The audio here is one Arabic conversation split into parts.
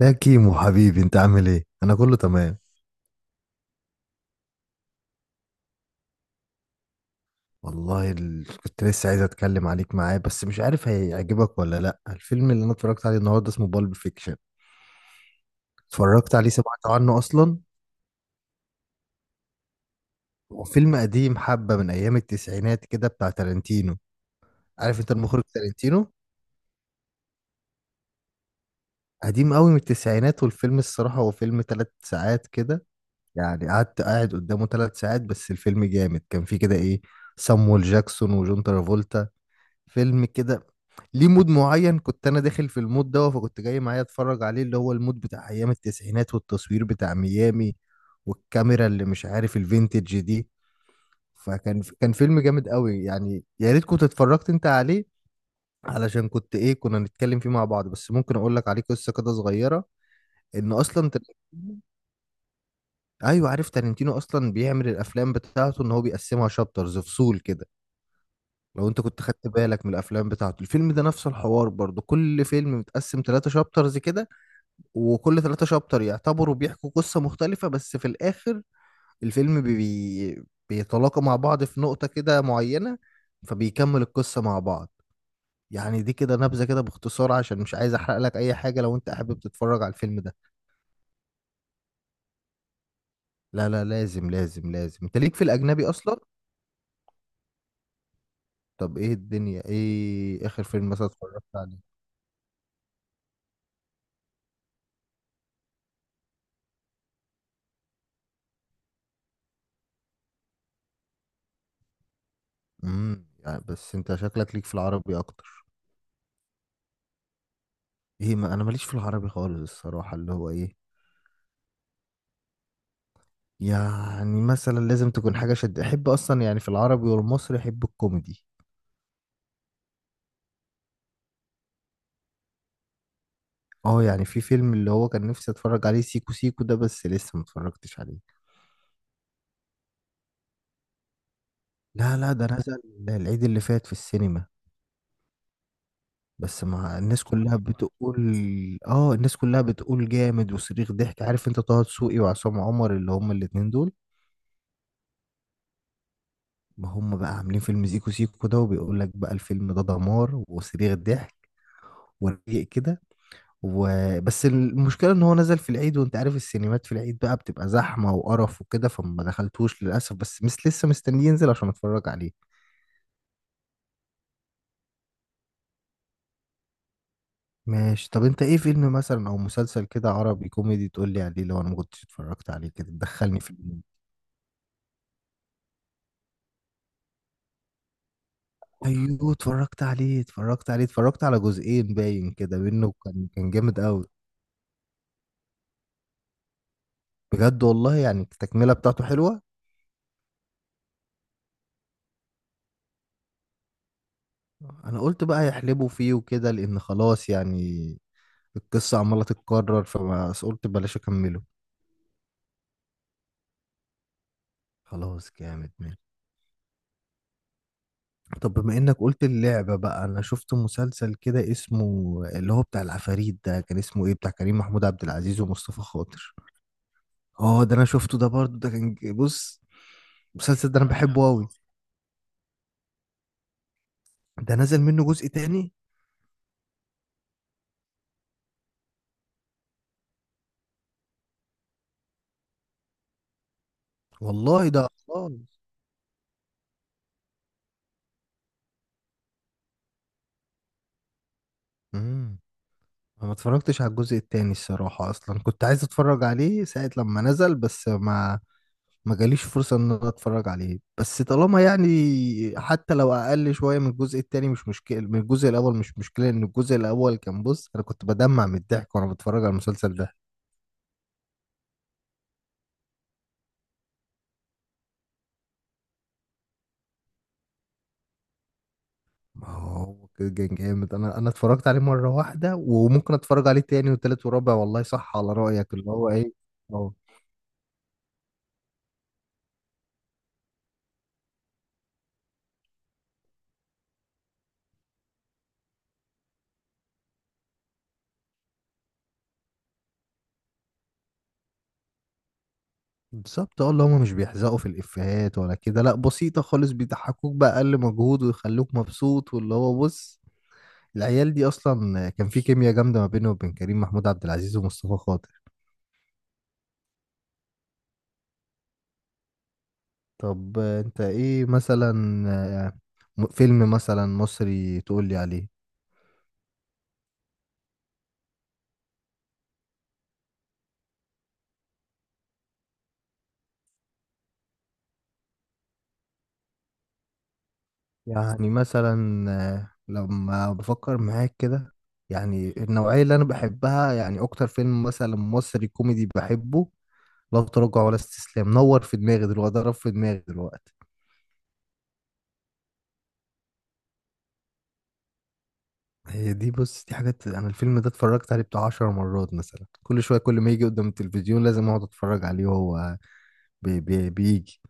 لا، كيمو حبيبي، انت عامل ايه؟ انا كله تمام. والله كنت لسه عايز اتكلم عليك معاه، بس مش عارف هيعجبك ولا لا. الفيلم اللي انا اتفرجت عليه النهارده اسمه بالب فيكشن. اتفرجت عليه؟ سمعت عنه اصلا؟ هو فيلم قديم، حبه من ايام التسعينات كده، بتاع تارانتينو. عارف انت المخرج تارانتينو؟ قديم قوي، من التسعينات. والفيلم الصراحه هو فيلم 3 ساعات كده، يعني قاعد قدامه 3 ساعات، بس الفيلم جامد. كان فيه كده ايه، سامويل جاكسون وجون ترافولتا. فيلم كده ليه مود معين، كنت انا داخل في المود ده، فكنت جاي معايا اتفرج عليه، اللي هو المود بتاع ايام التسعينات والتصوير بتاع ميامي والكاميرا اللي مش عارف الفينتج دي. فكان فيلم جامد قوي، يعني يا ريت كنت اتفرجت انت عليه، علشان كنت ايه، كنا نتكلم فيه مع بعض. بس ممكن اقول لك عليه قصة كده صغيرة. ان اصلا تارنتينو- ايوه، عارف تارنتينو اصلا بيعمل الافلام بتاعته ان هو بيقسمها شابترز، فصول كده. لو انت كنت خدت بالك من الافلام بتاعته، الفيلم ده نفس الحوار برضو، كل فيلم متقسم 3 شابترز كده، وكل 3 شابتر يعتبروا بيحكوا قصة مختلفة، بس في الاخر الفيلم بيتلاقى مع بعض في نقطة كده معينة، فبيكمل القصة مع بعض. يعني دي كده نبذة كده باختصار، عشان مش عايز احرق لك اي حاجة لو انت حابب تتفرج على الفيلم ده. لا لا، لازم لازم لازم، انت ليك في الاجنبي اصلا. طب ايه الدنيا، ايه اخر فيلم مثلا اتفرجت عليه؟ يعني بس انت شكلك ليك في العربي اكتر. ايه، ما انا ماليش في العربي خالص الصراحه، اللي هو ايه، يعني مثلا لازم تكون حاجه شد، احب اصلا يعني في العربي والمصري احب الكوميدي. اه، يعني في فيلم، اللي هو كان نفسي اتفرج عليه سيكو سيكو ده، بس لسه ما اتفرجتش عليه. لا لا، ده نزل العيد اللي فات في السينما، بس مع الناس كلها بتقول. اه، الناس كلها بتقول جامد وصريخ ضحك. عارف انت طه دسوقي وعصام عمر اللي هم الاتنين دول؟ ما هم بقى عاملين فيلم سيكو سيكو ده، وبيقول لك بقى الفيلم ده دمار وصريخ ضحك ورقيق كده و... بس المشكلة ان هو نزل في العيد، وانت عارف السينمات في العيد بقى بتبقى زحمة وقرف وكده، فما دخلتوش للأسف، بس مس لسه مستني ينزل عشان اتفرج عليه. ماشي. طب انت ايه فيلم مثلا او مسلسل كده عربي كوميدي تقول لي عليه، لو انا ما كنتش اتفرجت عليه كده، تدخلني في اليوم؟ ايوه اتفرجت عليه، اتفرجت عليه، اتفرجت على جزئين باين كده منه. كان جامد قوي. بجد والله، يعني التكملة بتاعته حلوة. انا قلت بقى يحلبوا فيه وكده، لان خلاص يعني القصة عمالة تتكرر، فبس قلت بلاش اكمله. خلاص، جامد، ماشي. طب بما انك قلت اللعبة بقى، انا شفت مسلسل كده اسمه، اللي هو بتاع العفاريت ده، كان اسمه ايه، بتاع كريم محمود عبد العزيز ومصطفى خاطر. اه، ده انا شفته ده برضو. ده كان بص، المسلسل ده انا بحبه قوي. ده نزل منه جزء تاني؟ والله ده اطلال. امم انا ما اتفرجتش على الجزء التاني الصراحة، اصلا كنت عايز اتفرج عليه ساعة لما نزل، بس ما جاليش فرصة ان انا اتفرج عليه. بس طالما يعني حتى لو اقل شوية من الجزء التاني، مش مشكلة، من الجزء الاول مش مشكلة، ان الجزء الاول كان، بص، انا كنت بدمع من الضحك وانا بتفرج على المسلسل ده. ما هو كده كان جامد، انا اتفرجت عليه مرة واحدة، وممكن اتفرج عليه تاني وتالت ورابع. والله صح على رأيك، اللي هو ايه. اه بالظبط. اه، اللي هما مش بيحزقوا في الافيهات ولا كده، لا بسيطة خالص، بيضحكوك بأقل مجهود ويخلوك مبسوط، واللي هو بص، العيال دي اصلا كان في كيمياء جامده ما بينه وبين كريم محمود عبد العزيز ومصطفى خاطر. طب انت ايه مثلا، آه، فيلم مثلا مصري تقول لي عليه؟ يعني مثلا، لما بفكر معاك كده، يعني النوعيه اللي انا بحبها، يعني اكتر فيلم مثلا مصري كوميدي بحبه، لا تراجع ولا استسلام نور في دماغي دلوقتي، ضرب في دماغي دلوقتي. هي دي، بص، دي حاجات، انا الفيلم ده اتفرجت عليه بتاع 10 مرات مثلا. كل شويه، كل ما يجي قدام التلفزيون، لازم اقعد اتفرج عليه وهو بي بي بيجي.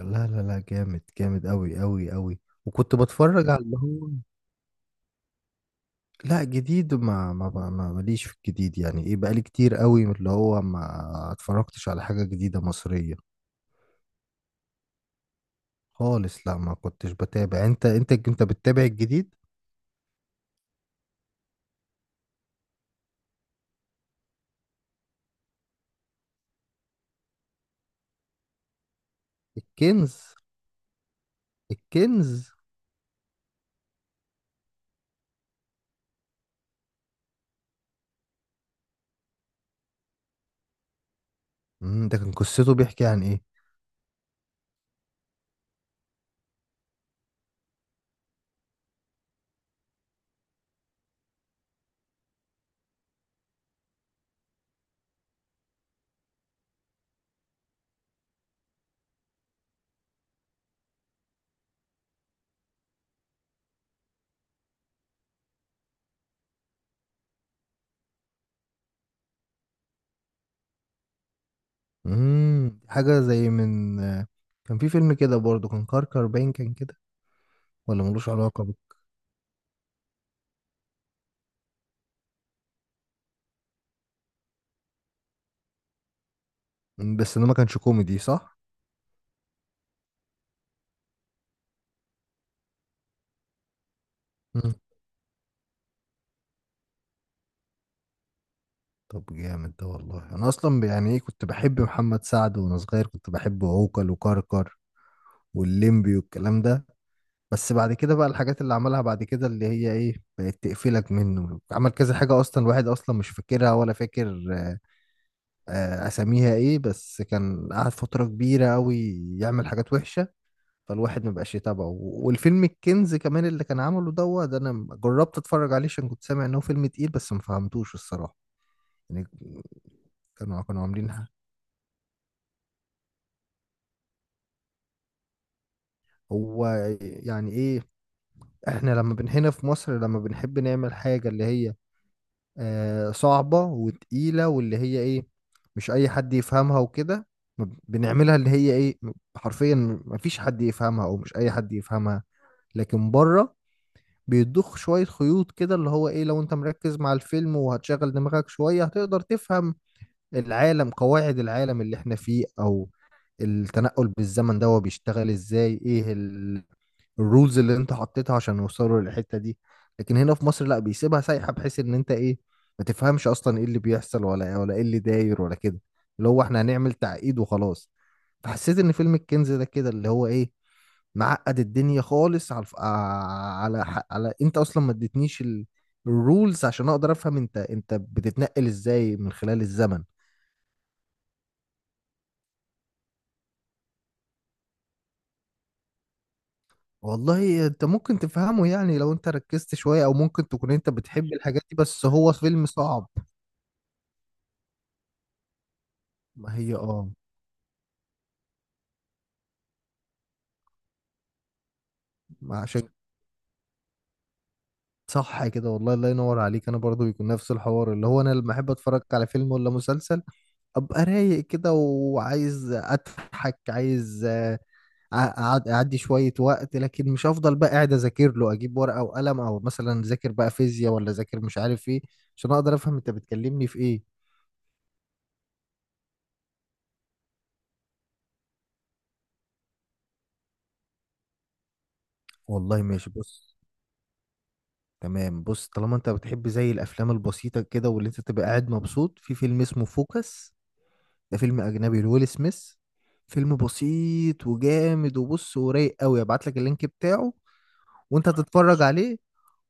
لا لا لا، جامد جامد قوي قوي قوي. وكنت بتفرج على اللي هو، لا جديد، ماليش في الجديد يعني، ايه، بقالي كتير قوي من اللي هو ما اتفرجتش على حاجة جديدة مصرية خالص. لا، ما كنتش بتابع. انت بتتابع الجديد؟ الكنز. الكنز. ده كان قصته بيحكي عن ايه؟ حاجة زي من آه، كان في فيلم كده برضه كان كركر باين، كان كده، ولا ملوش علاقة بس ده ما كانش كوميدي، صح؟ طب جامد ده والله. انا اصلا يعني، ايه، كنت بحب محمد سعد وانا صغير، كنت بحب عوكل وكركر والليمبي والكلام ده، بس بعد كده بقى، الحاجات اللي عملها بعد كده، اللي هي ايه، بقت تقفلك منه. عمل كذا حاجة اصلا الواحد اصلا مش فاكرها، ولا فاكر اساميها ايه، بس كان قعد فترة كبيرة قوي يعمل حاجات وحشة، فالواحد ما بقاش يتابعه. والفيلم الكنز كمان اللي كان عمله دوت، انا جربت اتفرج عليه عشان كنت سامع انه فيلم تقيل، بس ما فهمتوش الصراحة، يعني. كانوا عاملين، هو يعني ايه، احنا لما بن هنا في مصر، لما بنحب نعمل حاجة اللي هي صعبة وتقيلة، واللي هي ايه، مش اي حد يفهمها وكده، ما ب- بنعملها اللي هي ايه، حرفيا مفيش حد يفهمها، او مش اي حد يفهمها. لكن بره بيضخ شوية خيوط كده، اللي هو ايه، لو انت مركز مع الفيلم وهتشغل دماغك شوية هتقدر تفهم العالم، قواعد العالم اللي احنا فيه، او التنقل بالزمن ده هو بيشتغل ازاي، ايه الرولز اللي انت حطيتها عشان يوصلوا للحتة دي. لكن هنا في مصر لا، بيسيبها سايحة، بحيث ان انت ايه، ما تفهمش اصلا ايه اللي بيحصل، ولا ولا ايه اللي داير ولا كده، اللي هو احنا هنعمل تعقيد وخلاص. فحسيت ان فيلم الكنز ده كده، اللي هو ايه، معقد الدنيا خالص، على على على انت اصلا ما اديتنيش الرولز عشان اقدر افهم انت، انت بتتنقل ازاي من خلال الزمن. والله انت ممكن تفهمه، يعني لو انت ركزت شوية، او ممكن تكون انت بتحب الحاجات دي، بس هو فيلم صعب. ما هي اه، ما عشان، صح كده والله. الله ينور عليك. انا برضو بيكون نفس الحوار، اللي هو انا لما احب اتفرج على فيلم ولا مسلسل، ابقى رايق كده وعايز اضحك، عايز اعدي شوية وقت، لكن مش هفضل بقى قاعد اذاكر له، اجيب ورقة وقلم، او مثلا ذاكر بقى فيزياء، ولا ذاكر مش عارف ايه، عشان اقدر افهم انت بتكلمني في ايه. والله ماشي، بص، تمام. بص، طالما انت بتحب زي الافلام البسيطة كده، واللي انت تبقى قاعد مبسوط، في فيلم اسمه فوكس، ده فيلم اجنبي لويل سميث، فيلم بسيط وجامد، وبص ورايق قوي. ابعت لك اللينك بتاعه، وانت هتتفرج عليه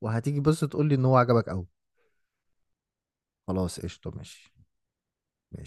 وهتيجي، بص، تقول لي ان هو عجبك قوي. خلاص قشطه، ماشي. ماشي.